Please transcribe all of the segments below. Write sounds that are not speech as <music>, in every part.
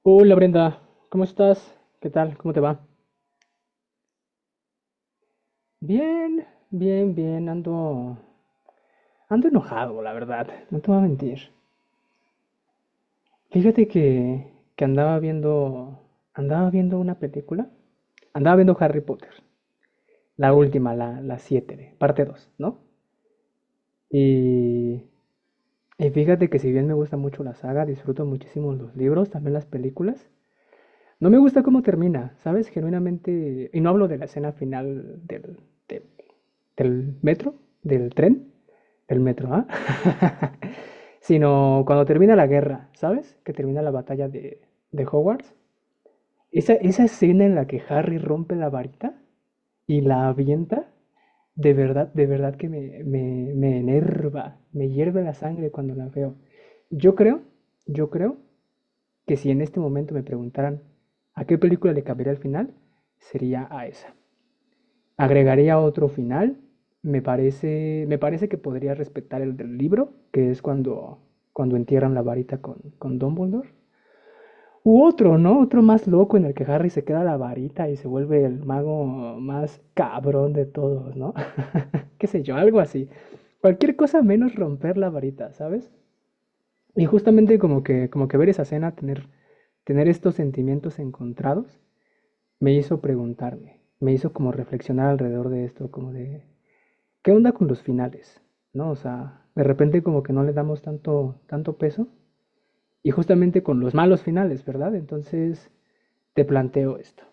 Hola Brenda, ¿cómo estás? ¿Qué tal? ¿Cómo te va? Bien, bien, bien, ando, ando enojado, la verdad, no te voy a mentir. Fíjate que andaba viendo una película, andaba viendo Harry Potter, la última, la 7, parte 2, ¿no? Y, y fíjate que si bien me gusta mucho la saga, disfruto muchísimo los libros, también las películas, no me gusta cómo termina, ¿sabes? Genuinamente, y no hablo de la escena final de del metro, del tren, del metro, ¿ah? <laughs> Sino cuando termina la guerra, ¿sabes? Que termina la batalla de Hogwarts. Esa escena en la que Harry rompe la varita y la avienta, de verdad que me enerva, me hierve la sangre cuando la veo. Yo creo, yo creo que si en este momento me preguntaran a qué película le cambiaría el final, sería a esa. Agregaría otro final. Me parece que podría respetar el del libro, que es cuando entierran la varita con Dumbledore. U otro, ¿no? Otro más loco en el que Harry se queda la varita y se vuelve el mago más cabrón de todos, ¿no? <laughs> Qué sé yo, algo así. Cualquier cosa menos romper la varita, ¿sabes? Y justamente como que ver esa escena, tener, tener estos sentimientos encontrados, me hizo preguntarme, me hizo como reflexionar alrededor de esto, como de, ¿qué onda con los finales? ¿No? O sea, de repente como que no le damos tanto, tanto peso. Y justamente con los malos finales, ¿verdad? Entonces te planteo esto.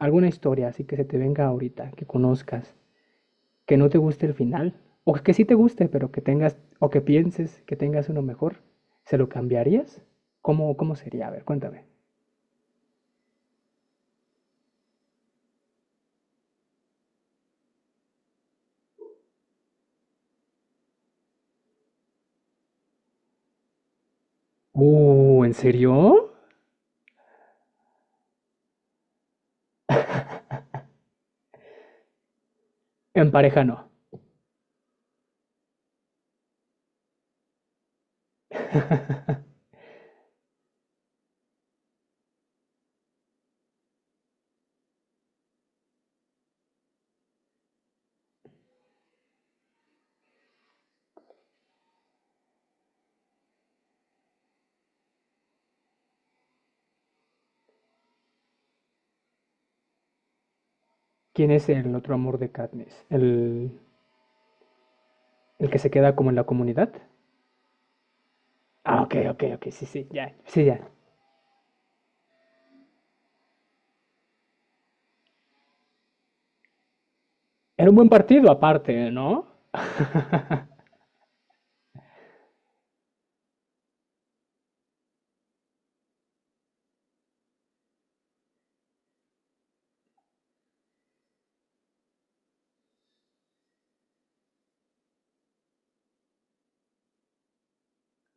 ¿Alguna historia así que se te venga ahorita, que conozcas, que no te guste el final? O que sí te guste, pero que tengas, o que pienses que tengas uno mejor. ¿Se lo cambiarías? ¿Cómo, cómo sería? A ver, cuéntame. ¿En serio? En pareja no. <laughs> ¿Quién es el otro amor de Katniss? El que se queda como en la comunidad? Ah, ok, ok, ok, sí, sí, ya, sí, ya. Era un buen partido aparte, ¿no?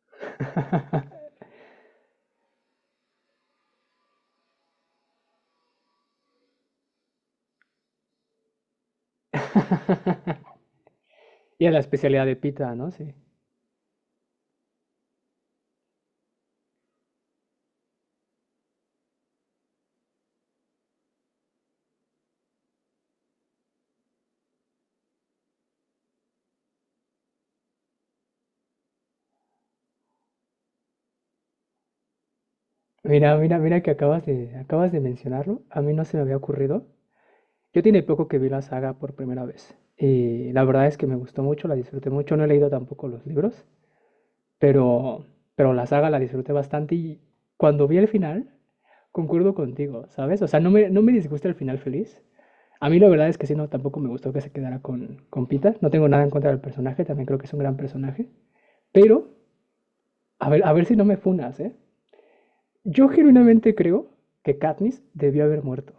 <laughs> Y a la especialidad de pita, ¿no? Sí. Mira, mira, mira que acabas de mencionarlo. A mí no se me había ocurrido. Yo tiene poco que vi la saga por primera vez. Y la verdad es que me gustó mucho, la disfruté mucho. No he leído tampoco los libros. Pero, pero la saga la disfruté bastante y cuando vi el final, concuerdo contigo, ¿sabes? O sea, no me, no me disgusta el final feliz. A mí la verdad es que sí, no, tampoco me gustó que se quedara con Pita. No tengo nada en contra del personaje, también creo que es un gran personaje. Pero, a ver si no me funas, Yo genuinamente creo que Katniss debió haber muerto.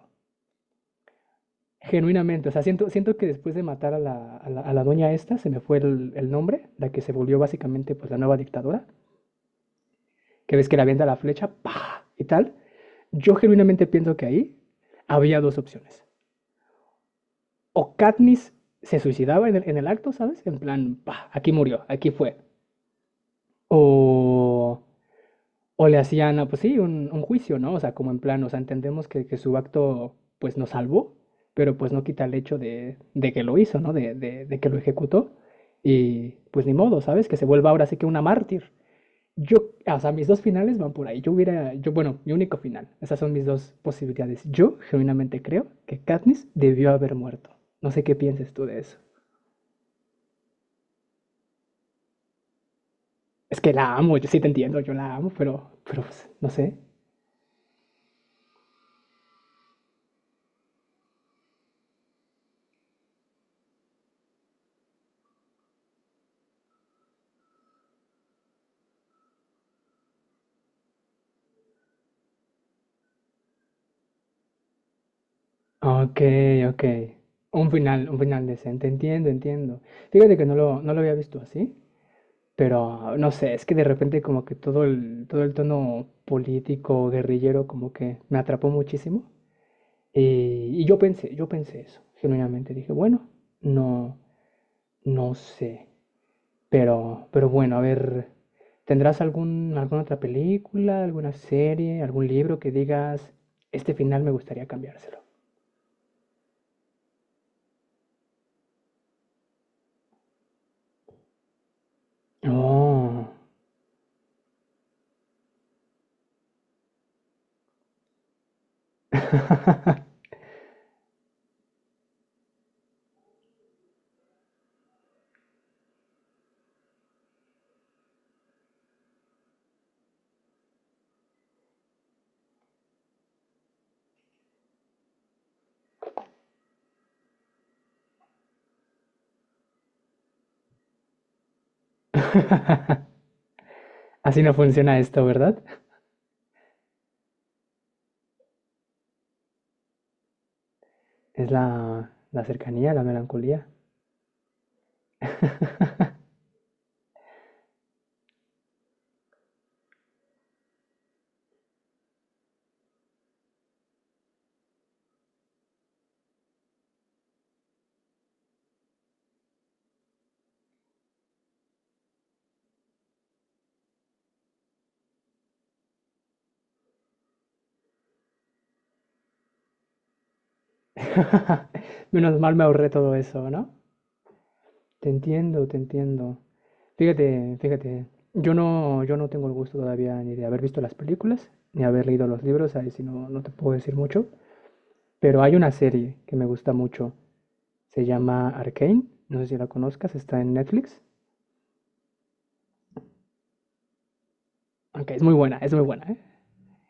Genuinamente, o sea, siento, siento que después de matar a la doña esta, se me fue el nombre, la que se volvió básicamente pues la nueva dictadora. Que ves que le avienta la flecha, ¡pah! Y tal. Yo genuinamente pienso que ahí había dos opciones. O Katniss se suicidaba en el acto, ¿sabes? En plan, ¡pah! Aquí murió, aquí fue. O, o le hacían, pues sí, un juicio, ¿no? O sea, como en plan, o sea, entendemos que su acto, pues, nos salvó, pero pues no quita el hecho de que lo hizo, ¿no? De que lo ejecutó. Y pues ni modo, ¿sabes? Que se vuelva ahora sí que una mártir. Yo, o sea, mis dos finales van por ahí. Yo hubiera, yo, bueno, mi único final. Esas son mis dos posibilidades. Yo genuinamente creo que Katniss debió haber muerto. No sé qué pienses tú de eso. Es que la amo, yo sí te entiendo, yo la amo, pero pues, no sé. Ok, ok. Un final decente. Entiendo, entiendo. Fíjate que no lo, no lo había visto así, pero no sé, es que de repente como que todo el tono político, guerrillero, como que me atrapó muchísimo. Y yo pensé eso, genuinamente dije, bueno, no, no sé, pero bueno, a ver, ¿tendrás algún, alguna otra película, alguna serie, algún libro que digas, este final me gustaría cambiárselo? Oh. <laughs> Así no funciona esto, ¿verdad? Es la, la cercanía, la melancolía. <laughs> Menos mal me ahorré todo eso, ¿no? Te entiendo, te entiendo. Fíjate, fíjate, yo no, yo no tengo el gusto todavía ni de haber visto las películas, ni haber leído los libros, ahí sí no, no te puedo decir mucho, pero hay una serie que me gusta mucho, se llama Arcane, no sé si la conozcas, está en Netflix, aunque es muy buena, ¿eh?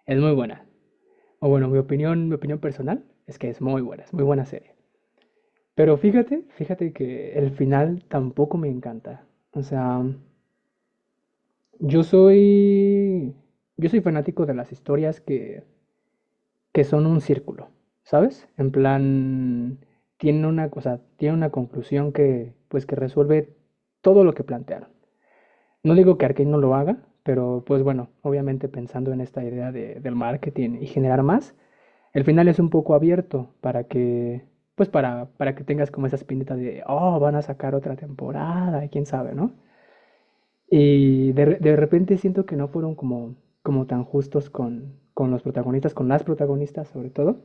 Es muy buena. O bueno, mi opinión personal es que es muy buena serie. Pero fíjate, fíjate que el final tampoco me encanta. O sea, yo soy. Yo soy fanático de las historias que son un círculo, ¿sabes? En plan, tiene una cosa, tiene una conclusión que, pues, que resuelve todo lo que plantearon. No digo que Arkane no lo haga, pero pues bueno, obviamente pensando en esta idea de- del marketing y generar más, el final es un poco abierto para que, pues para que tengas como esa espinita de, oh, van a sacar otra temporada, y quién sabe, ¿no? Y de, re- de repente siento que no fueron como, como tan justos con los protagonistas, con las protagonistas sobre todo.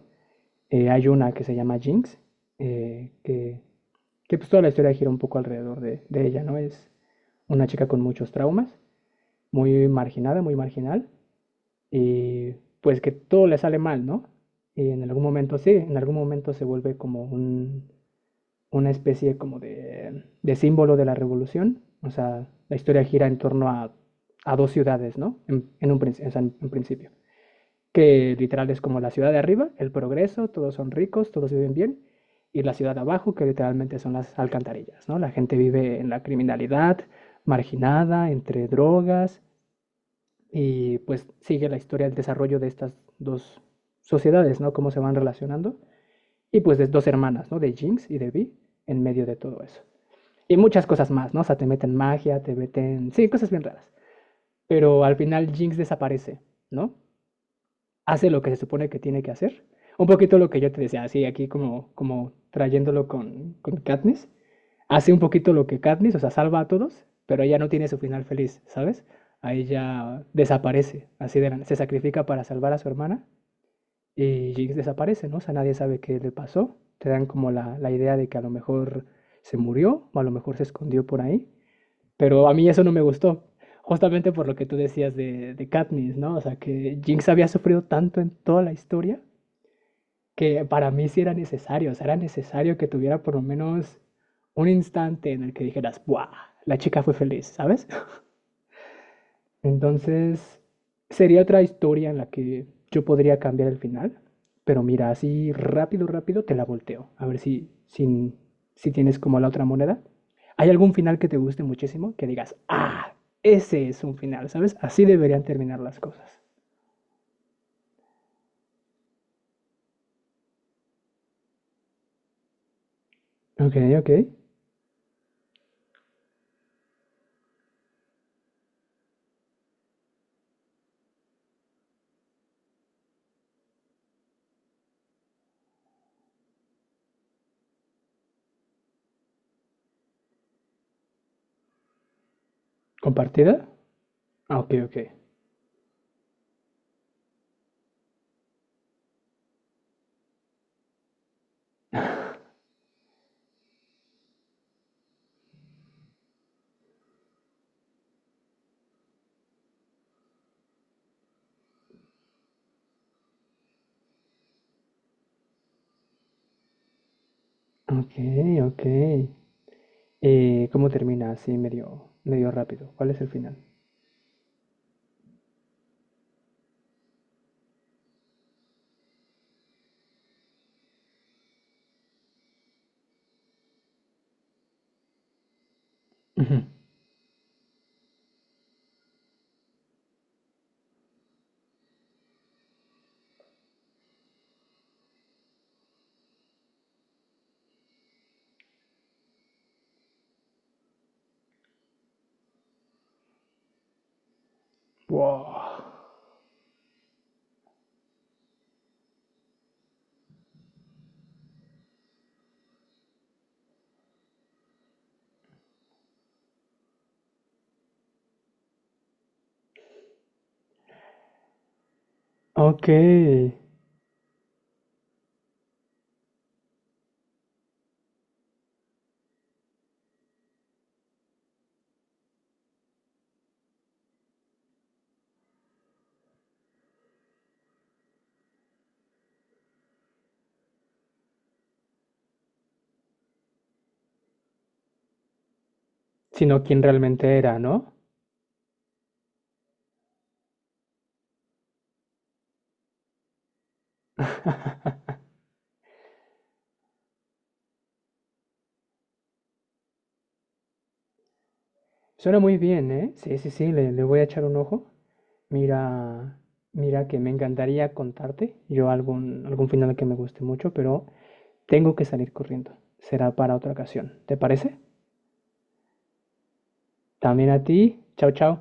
Hay una que se llama Jinx, eh, que, que pues toda la historia gira un poco alrededor de ella, ¿no? Es una chica con muchos traumas, muy marginada, muy marginal, y pues que todo le sale mal, ¿no? Y en algún momento sí, en algún momento se vuelve como un, una especie como de símbolo de la revolución. O sea, la historia gira en torno a dos ciudades, ¿no? En un, o sea, en principio. Que literal es como la ciudad de arriba, el progreso, todos son ricos, todos viven bien. Y la ciudad de abajo, que literalmente son las alcantarillas, ¿no? La gente vive en la criminalidad, marginada, entre drogas. Y pues sigue la historia, el desarrollo de estas dos sociedades, ¿no? Cómo se van relacionando. Y pues de dos hermanas, ¿no? De Jinx y de Vi, en medio de todo eso. Y muchas cosas más, ¿no? O sea, te meten magia, te meten... Sí, cosas bien raras. Pero al final Jinx desaparece, ¿no? Hace lo que se supone que tiene que hacer. Un poquito lo que yo te decía, así aquí como, como trayéndolo con Katniss. Hace un poquito lo que Katniss, o sea, salva a todos, pero ella no tiene su final feliz, ¿sabes? Ahí ya desaparece, así de la- se sacrifica para salvar a su hermana y Jinx desaparece, ¿no? O sea, nadie sabe qué le pasó. Te dan como la idea de que a lo mejor se murió o a lo mejor se escondió por ahí. Pero a mí eso no me gustó, justamente por lo que tú decías de Katniss, ¿no? O sea, que Jinx había sufrido tanto en toda la historia que para mí sí era necesario, o sea, era necesario que tuviera por lo menos un instante en el que dijeras, ¡buah! La chica fue feliz, ¿sabes? Entonces, sería otra historia en la que yo podría cambiar el final, pero mira, así rápido, rápido te la volteo. A ver si, si, si tienes como la otra moneda. ¿Hay algún final que te guste muchísimo? Que digas, ah, ese es un final, ¿sabes? Así deberían terminar las cosas. Ok, ok. ¿Compartida? Ah, ok, ok. Ok, ok. ¿Cómo termina? Así medio, medio rápido. ¿Cuál es el final? Ujú. Wow. Ok. Sino quién realmente era, ¿no? <laughs> Suena muy bien, ¿eh? Sí, sí, sí, le voy a echar un ojo. Mira, mira que me encantaría contarte yo algún, algún final que me guste mucho, pero tengo que salir corriendo. Será para otra ocasión. ¿Te parece? También a ti. Chao, chao.